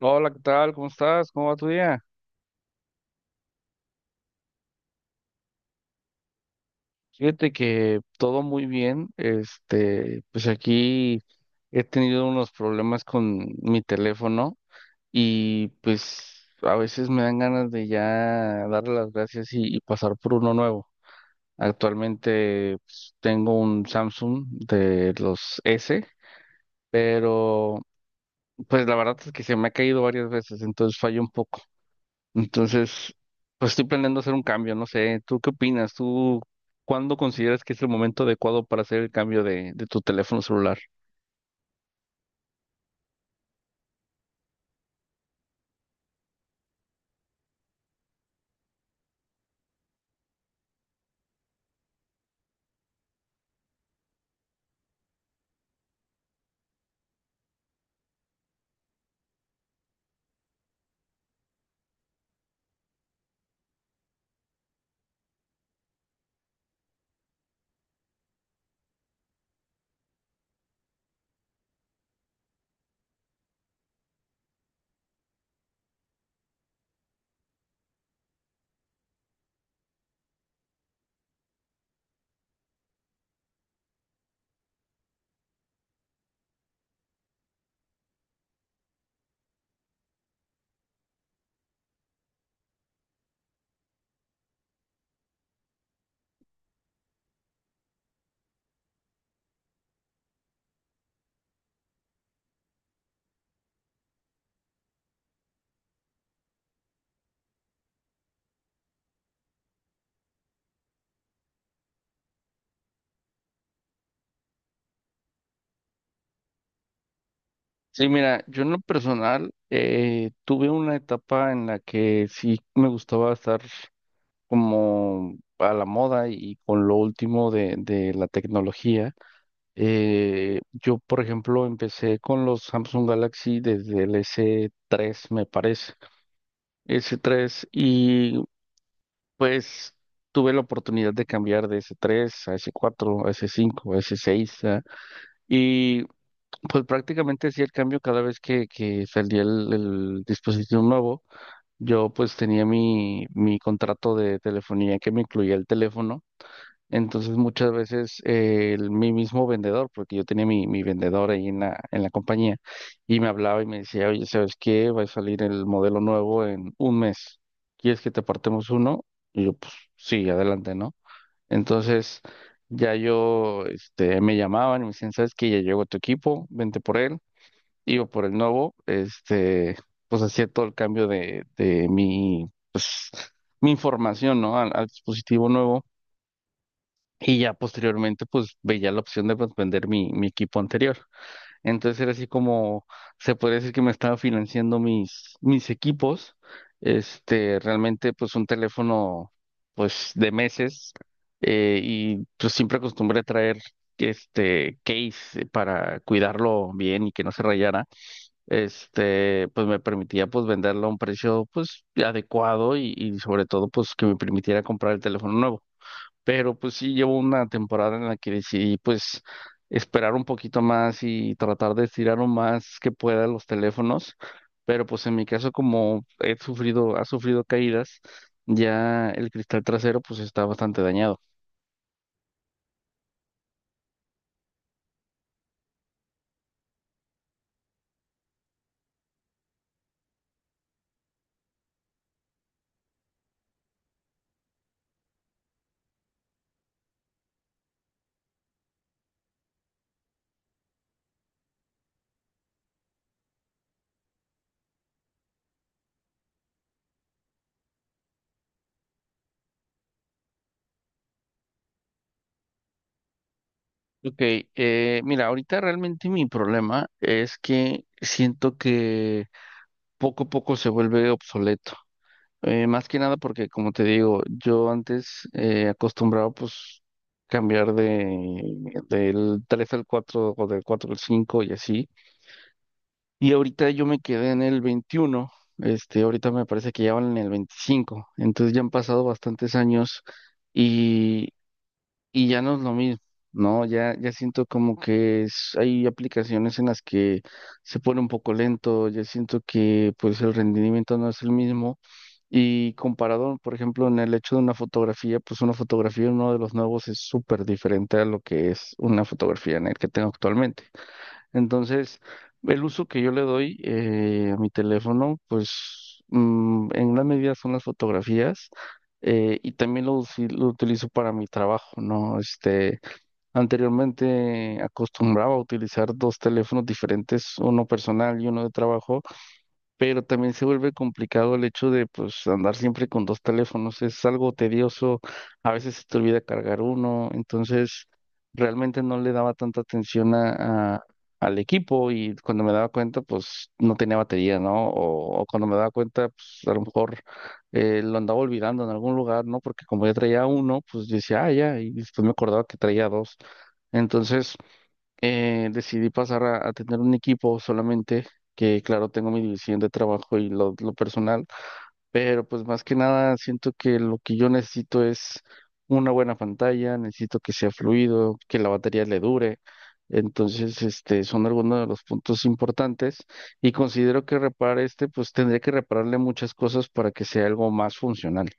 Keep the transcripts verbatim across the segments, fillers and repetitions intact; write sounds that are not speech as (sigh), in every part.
Hola, ¿qué tal? ¿Cómo estás? ¿Cómo va tu día? Fíjate que todo muy bien. Este, pues aquí he tenido unos problemas con mi teléfono, y pues a veces me dan ganas de ya darle las gracias y, y pasar por uno nuevo. Actualmente pues, tengo un Samsung de los S, pero pues la verdad es que se me ha caído varias veces, entonces fallo un poco. Entonces, pues estoy planeando hacer un cambio, no sé, ¿tú qué opinas? ¿Tú cuándo consideras que es el momento adecuado para hacer el cambio de, de tu teléfono celular? Sí, mira, yo en lo personal eh, tuve una etapa en la que sí me gustaba estar como a la moda y con lo último de, de la tecnología. Eh, yo, por ejemplo, empecé con los Samsung Galaxy desde el S tres, me parece. S tres. Y Pues tuve la oportunidad de cambiar de s tres a s cuatro a s cinco a s seis a- y pues prácticamente hacía el cambio cada vez que, que salía el, el dispositivo nuevo. Yo pues tenía mi, mi contrato de telefonía que me incluía el teléfono, entonces muchas veces eh, el, mi mismo vendedor, porque yo tenía mi, mi vendedor ahí en la, en la compañía, y me hablaba y me decía, oye, ¿sabes qué? Va a salir el modelo nuevo en un mes. ¿Quieres que te apartemos uno? Y yo, pues sí, adelante, ¿no? Entonces ya yo, este, me llamaban y me decían, ¿sabes qué? Ya llegó tu equipo, vente por él, iba por el nuevo, este, pues hacía todo el cambio de, de mi, mi información, ¿no? al al dispositivo nuevo, y ya posteriormente, pues veía la opción de pues, vender mi, mi equipo anterior. Entonces era así como, se puede decir que me estaba financiando mis, mis equipos. Este, realmente, pues un teléfono, pues de meses. Eh, y pues siempre acostumbré a traer este case, eh, para cuidarlo bien y que no se rayara. Este, pues me permitía pues venderlo a un precio pues adecuado, y, y sobre todo pues que me permitiera comprar el teléfono nuevo. Pero pues sí, llevo una temporada en la que decidí pues esperar un poquito más y tratar de estirar lo más que pueda los teléfonos. Pero pues en mi caso, como he sufrido, ha sufrido caídas, ya el cristal trasero pues está bastante dañado. Ok, eh, mira, ahorita realmente mi problema es que siento que poco a poco se vuelve obsoleto. Eh, más que nada porque, como te digo, yo antes eh, acostumbraba pues cambiar de del tres al cuatro o del cuatro al cinco y así. Y ahorita yo me quedé en el veintiuno, este, ahorita me parece que ya van en el veinticinco, entonces ya han pasado bastantes años y, y ya no es lo mismo, ¿no? Ya, ya siento como que es- hay aplicaciones en las que se pone un poco lento, ya siento que pues el rendimiento no es el mismo. Y comparado, por ejemplo, en el hecho de una fotografía, pues una fotografía en uno de los nuevos es súper diferente a lo que es una fotografía en el que tengo actualmente. Entonces, el uso que yo le doy eh, a mi teléfono, pues mm, en gran medida son las fotografías, eh, y también lo, usi- lo utilizo para mi trabajo, ¿no? Este, anteriormente acostumbraba a utilizar dos teléfonos diferentes, uno personal y uno de trabajo, pero también se vuelve complicado el hecho de pues andar siempre con dos teléfonos, es algo tedioso, a veces se te olvida cargar uno, entonces realmente no le daba tanta atención a, a- al equipo, y cuando me daba cuenta pues no tenía batería, ¿no? O, o cuando me daba cuenta pues a lo mejor eh, lo andaba olvidando en algún lugar, ¿no? Porque como ya traía uno, pues yo decía, ah, ya, y después me acordaba que traía dos. Entonces eh, decidí pasar a, a tener un equipo solamente, que claro, tengo mi división de trabajo y lo, lo personal, pero pues más que nada siento que lo que yo necesito es una buena pantalla, necesito que sea fluido, que la batería le dure. Entonces, este, son algunos de los puntos importantes, y considero que repare este, pues tendría que repararle muchas cosas para que sea algo más funcional.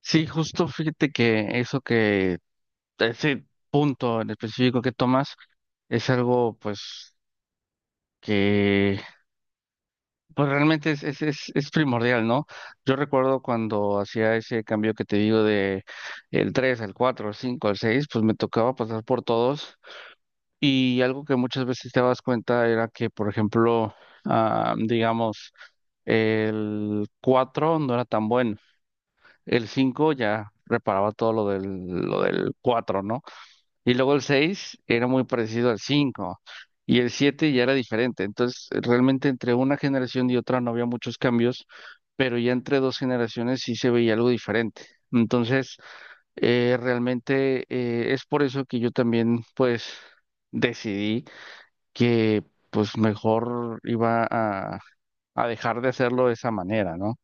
Sí, justo fíjate que eso que, ese punto en específico que tomas es algo, pues, que pues realmente es, es, es, es primordial, ¿no? Yo recuerdo cuando hacía ese cambio que te digo de el tres al cuatro al cinco al seis, pues me tocaba pasar por todos, y algo que muchas veces te das cuenta era que, por ejemplo, ah, digamos, el cuatro no era tan bueno, el cinco ya reparaba todo lo del, lo del cuatro, ¿no? Y luego el seis era muy parecido al cinco, y el siete ya era diferente. Entonces, realmente entre una generación y otra no había muchos cambios, pero ya entre dos generaciones sí se veía algo diferente. Entonces, eh, realmente eh, es por eso que yo también, pues, decidí que, pues, mejor iba a, a dejar de hacerlo de esa manera, ¿no?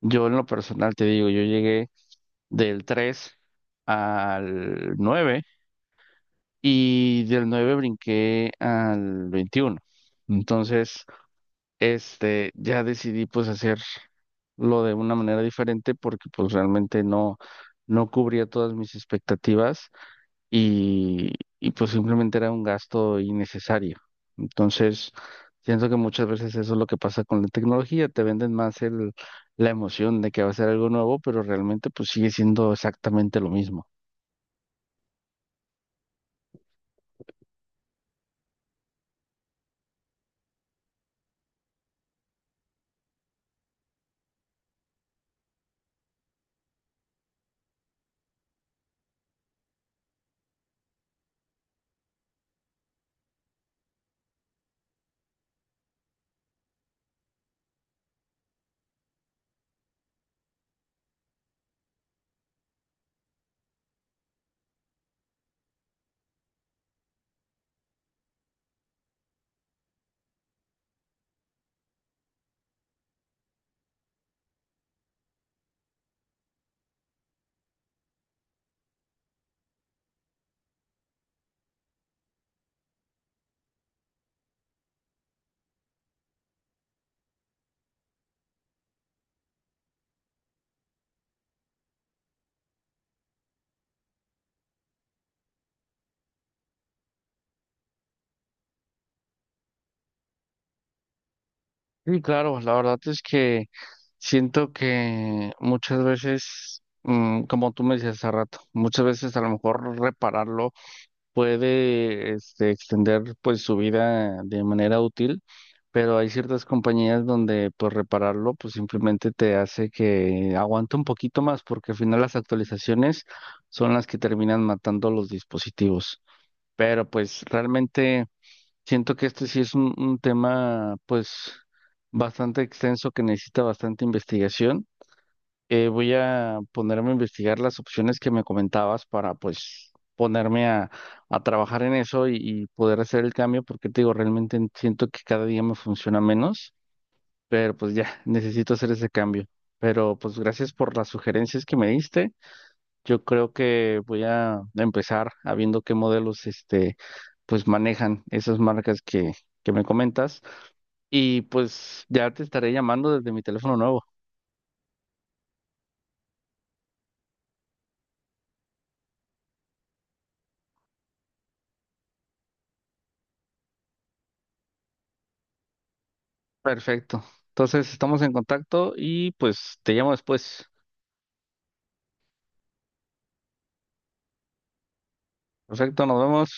Yo en lo personal te digo, yo llegué del tres al nueve, y del nueve brinqué al veintiuno. Entonces, este, ya decidí pues hacer lo de una manera diferente, porque pues realmente no, no cubría todas mis expectativas, y, y pues simplemente era un gasto innecesario. Entonces, siento que muchas veces eso es lo que pasa con la tecnología, te venden más el, la emoción de que va a ser algo nuevo, pero realmente pues sigue siendo exactamente lo mismo. Sí, claro, la verdad es que siento que muchas veces, mm, como tú me decías hace rato, muchas veces a lo mejor repararlo puede, este, extender pues su vida de manera útil, pero hay ciertas compañías donde pues repararlo pues simplemente te hace que aguante un poquito más, porque al final las actualizaciones son las que terminan matando los dispositivos. Pero pues realmente siento que este sí es un, un tema pues bastante extenso que necesita bastante investigación. Eh, voy a ponerme a investigar las opciones que me comentabas, para pues ponerme a, a trabajar en eso y, y poder hacer el cambio, porque te digo, realmente siento que cada día me funciona menos, pero pues ya, (laughs) necesito hacer ese cambio. Pero pues gracias por las sugerencias que me diste. Yo creo que voy a empezar a viendo qué modelos este pues manejan esas marcas que, que me comentas, y pues ya te estaré llamando desde mi teléfono nuevo. Perfecto. Entonces estamos en contacto y pues te llamo después. Perfecto, nos vemos.